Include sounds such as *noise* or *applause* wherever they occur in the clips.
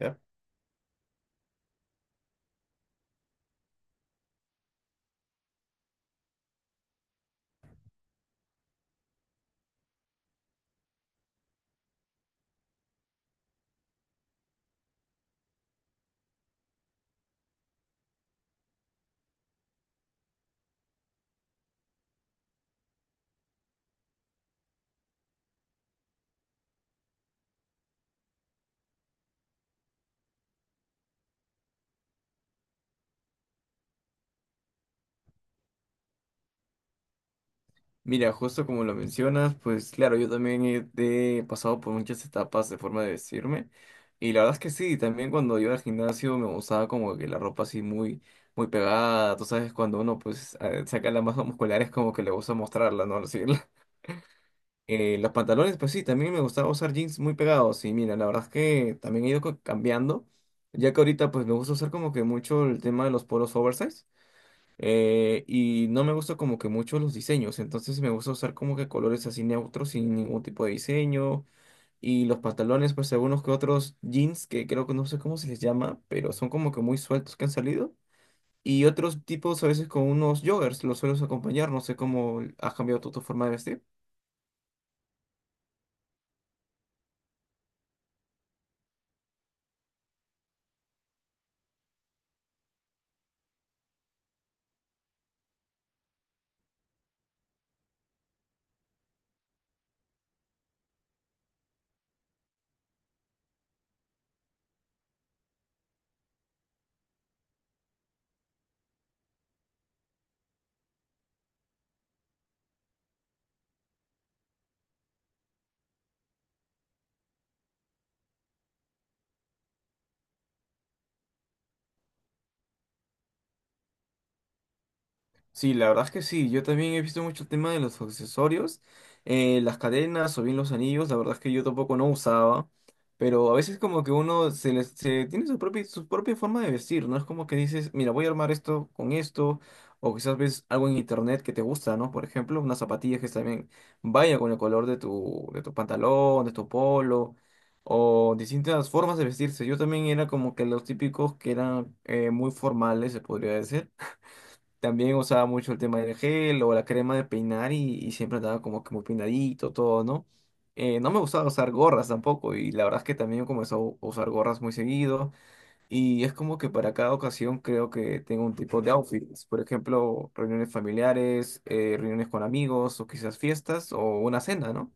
Ya. Mira, justo como lo mencionas, pues claro, yo también he pasado por muchas etapas de forma de vestirme. Y la verdad es que sí, también cuando iba al gimnasio me gustaba como que la ropa así muy, muy pegada. Tú sabes, cuando uno pues saca la masa muscular es como que le gusta mostrarla, ¿no? Así, *laughs* los pantalones, pues sí, también me gustaba usar jeans muy pegados. Y mira, la verdad es que también he ido cambiando. Ya que ahorita pues me gusta usar como que mucho el tema de los polos oversize. Y no me gusta como que mucho los diseños, entonces me gusta usar como que colores así neutros sin ningún tipo de diseño. Y los pantalones, pues algunos que otros jeans, que creo que no sé cómo se les llama, pero son como que muy sueltos que han salido. Y otros tipos a veces con unos joggers, los sueles acompañar, no sé cómo has cambiado tú tu forma de vestir. Sí, la verdad es que sí, yo también he visto mucho el tema de los accesorios, las cadenas o bien los anillos, la verdad es que yo tampoco no usaba, pero a veces como que uno se tiene su propia forma de vestir, ¿no? Es como que dices, mira, voy a armar esto con esto, o quizás ves algo en internet que te gusta, ¿no? Por ejemplo, unas zapatillas que también vayan con el color de tu pantalón, de tu polo, o distintas formas de vestirse. Yo también era como que los típicos que eran muy formales, se podría decir. También usaba mucho el tema del gel o la crema de peinar y siempre andaba como que muy peinadito, todo, ¿no? No me gustaba usar gorras tampoco y la verdad es que también comencé a usar gorras muy seguido y es como que para cada ocasión creo que tengo un tipo de outfits, por ejemplo, reuniones familiares, reuniones con amigos o quizás fiestas o una cena, ¿no?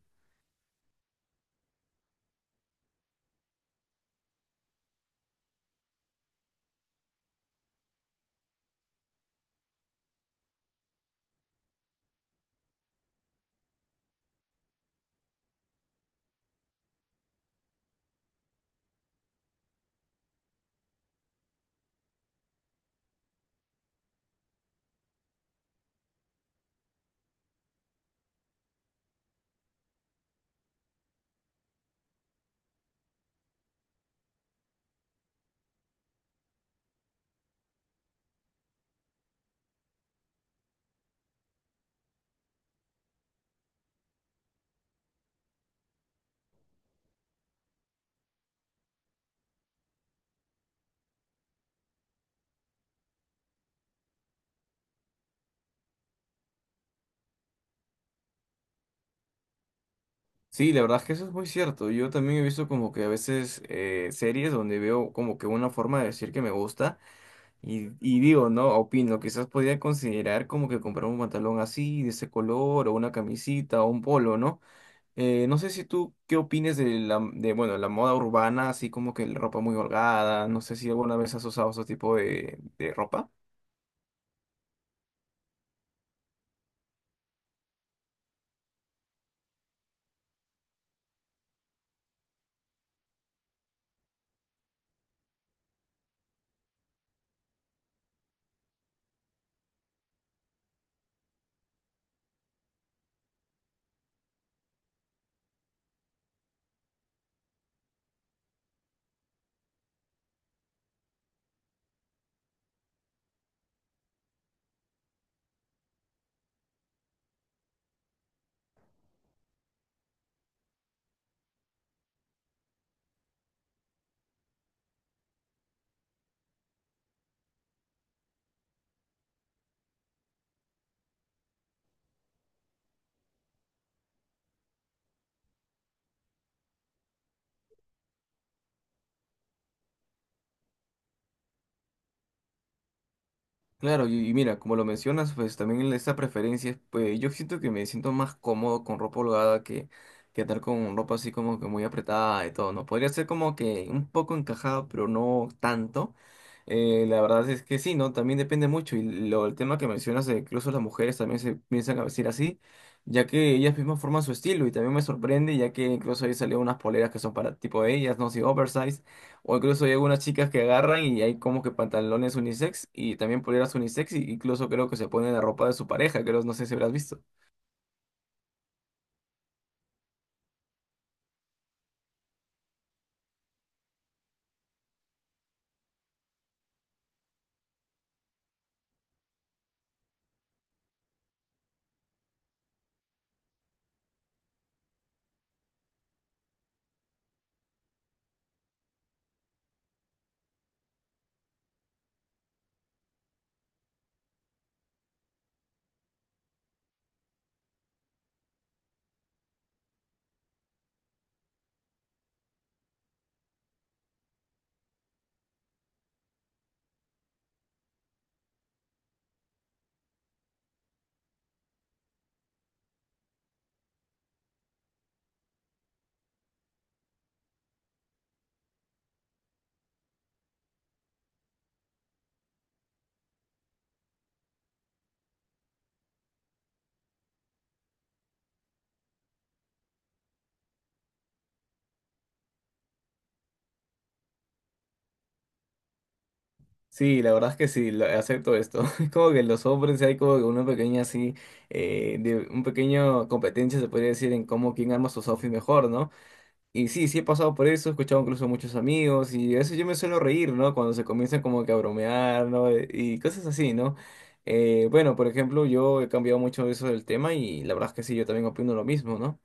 Sí, la verdad es que eso es muy cierto. Yo también he visto como que a veces series donde veo como que una forma de decir que me gusta. Y digo, ¿no? Opino, quizás podría considerar como que comprar un pantalón así, de ese color, o una camisita, o un polo, ¿no? No sé si tú qué opines de bueno, la moda urbana, así como que la ropa muy holgada, no sé si alguna vez has usado ese tipo de ropa. Claro, y mira, como lo mencionas, pues también esa preferencia, pues yo siento que me siento más cómodo con ropa holgada que andar con ropa así como que muy apretada y todo, ¿no? Podría ser como que un poco encajado, pero no tanto. La verdad es que sí, ¿no? También depende mucho. Y lo, el tema que mencionas, de que incluso las mujeres también se piensan a vestir así, ya que ellas mismas forman su estilo y también me sorprende, ya que incluso ahí salieron unas poleras que son para tipo de ellas, ¿no? Sí, oversize. O incluso hay algunas chicas que agarran y hay como que pantalones unisex y también poleras unisex y incluso creo que se ponen la ropa de su pareja, creo, no sé si habrás visto. Sí, la verdad es que sí, acepto esto. *laughs* Es como que los hombres hay como que una pequeña así, un pequeño competencia se podría decir en cómo quién arma sus outfits mejor, ¿no? Y sí, sí he pasado por eso, he escuchado incluso a muchos amigos y a veces yo me suelo reír, ¿no? Cuando se comienzan como que a bromear, ¿no? Y cosas así, ¿no? Bueno, por ejemplo, yo he cambiado mucho eso del tema y la verdad es que sí, yo también opino lo mismo, ¿no?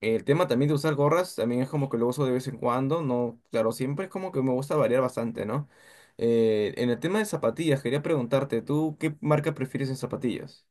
El tema también de usar gorras también es como que lo uso de vez en cuando, ¿no? Claro, siempre es como que me gusta variar bastante, ¿no? En el tema de zapatillas, quería preguntarte, ¿tú qué marca prefieres en zapatillas?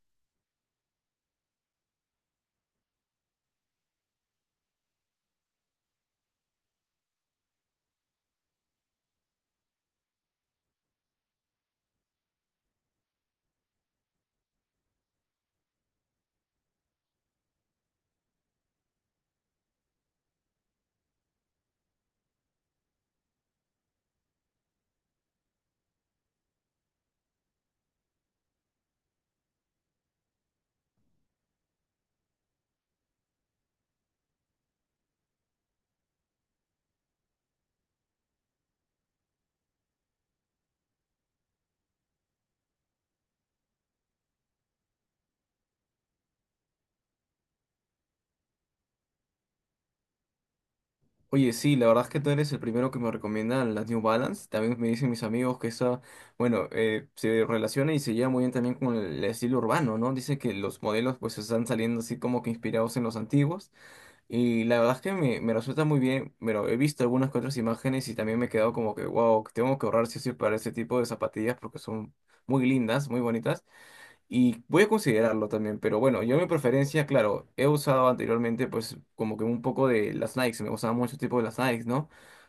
Oye, sí, la verdad es que tú eres el primero que me recomienda las New Balance. También me dicen mis amigos que esa, bueno, se relaciona y se lleva muy bien también con el estilo urbano, ¿no? Dice que los modelos pues están saliendo así como que inspirados en los antiguos. Y la verdad es que me resulta muy bien, pero he visto algunas que otras imágenes y también me he quedado como que, wow, tengo que ahorrar sí o sí para ese tipo de zapatillas porque son muy lindas, muy bonitas. Y voy a considerarlo también, pero bueno, yo mi preferencia, claro, he usado anteriormente pues como que un poco de las Nikes, me gustaban mucho el tipo de las Nikes, ¿no?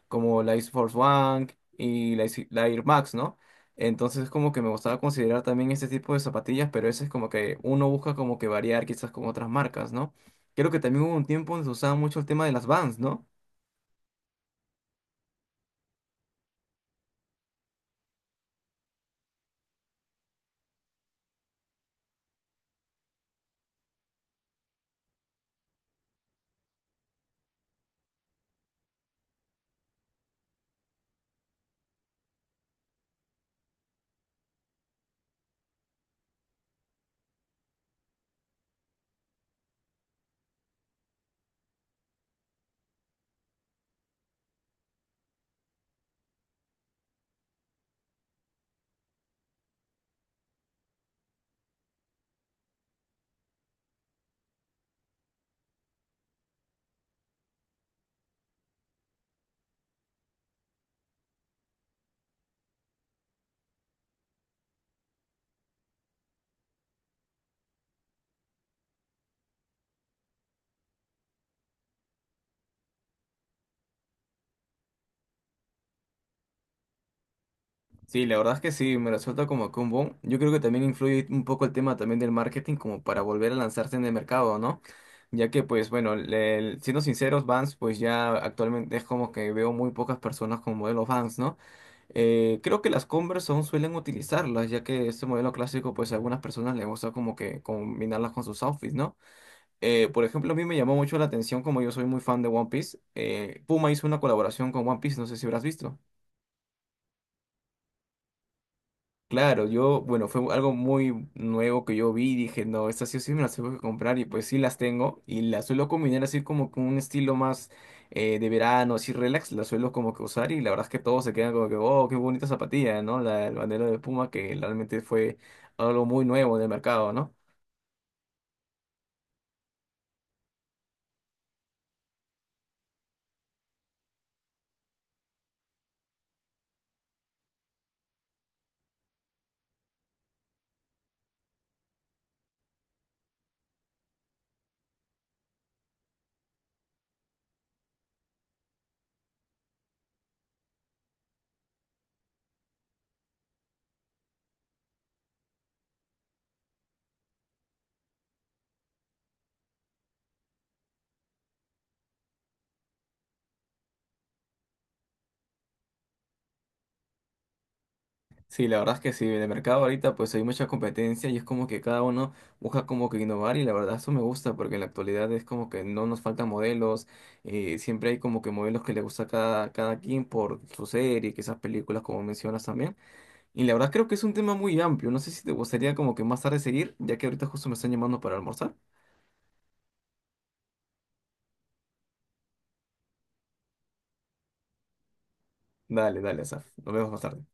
Como la Air Force One y la Air Max, ¿no? Entonces como que me gustaba considerar también este tipo de zapatillas, pero eso es como que uno busca como que variar quizás con otras marcas, ¿no? Creo que también hubo un tiempo donde se usaba mucho el tema de las Vans, ¿no? Sí, la verdad es que sí, me resulta como que un boom. Yo creo que también influye un poco el tema también del marketing como para volver a lanzarse en el mercado, ¿no? Ya que pues bueno, siendo sinceros, Vans pues ya actualmente es como que veo muy pocas personas con modelos Vans, ¿no? Creo que las Converse aún suelen utilizarlas, ya que este modelo clásico pues a algunas personas les gusta como que combinarlas con sus outfits, ¿no? Por ejemplo, a mí me llamó mucho la atención como yo soy muy fan de One Piece. Puma hizo una colaboración con One Piece, no sé si habrás visto. Claro, yo, bueno, fue algo muy nuevo que yo vi y dije, no, estas sí o sí me las tengo que comprar y pues sí las tengo y las suelo combinar así como con un estilo más de verano, así relax, las suelo como que usar y la verdad es que todos se quedan como que, oh, qué bonita zapatilla, ¿no? La, el bandero de Puma que realmente fue algo muy nuevo del mercado, ¿no? Sí, la verdad es que sí, en el mercado ahorita pues hay mucha competencia y es como que cada uno busca como que innovar y la verdad eso me gusta porque en la actualidad es como que no nos faltan modelos, siempre hay como que modelos que le gusta a cada quien por su serie, esas películas como mencionas también. Y la verdad creo que es un tema muy amplio, no sé si te gustaría como que más tarde seguir, ya que ahorita justo me están llamando para almorzar. Dale, dale, Asaf, nos vemos más tarde.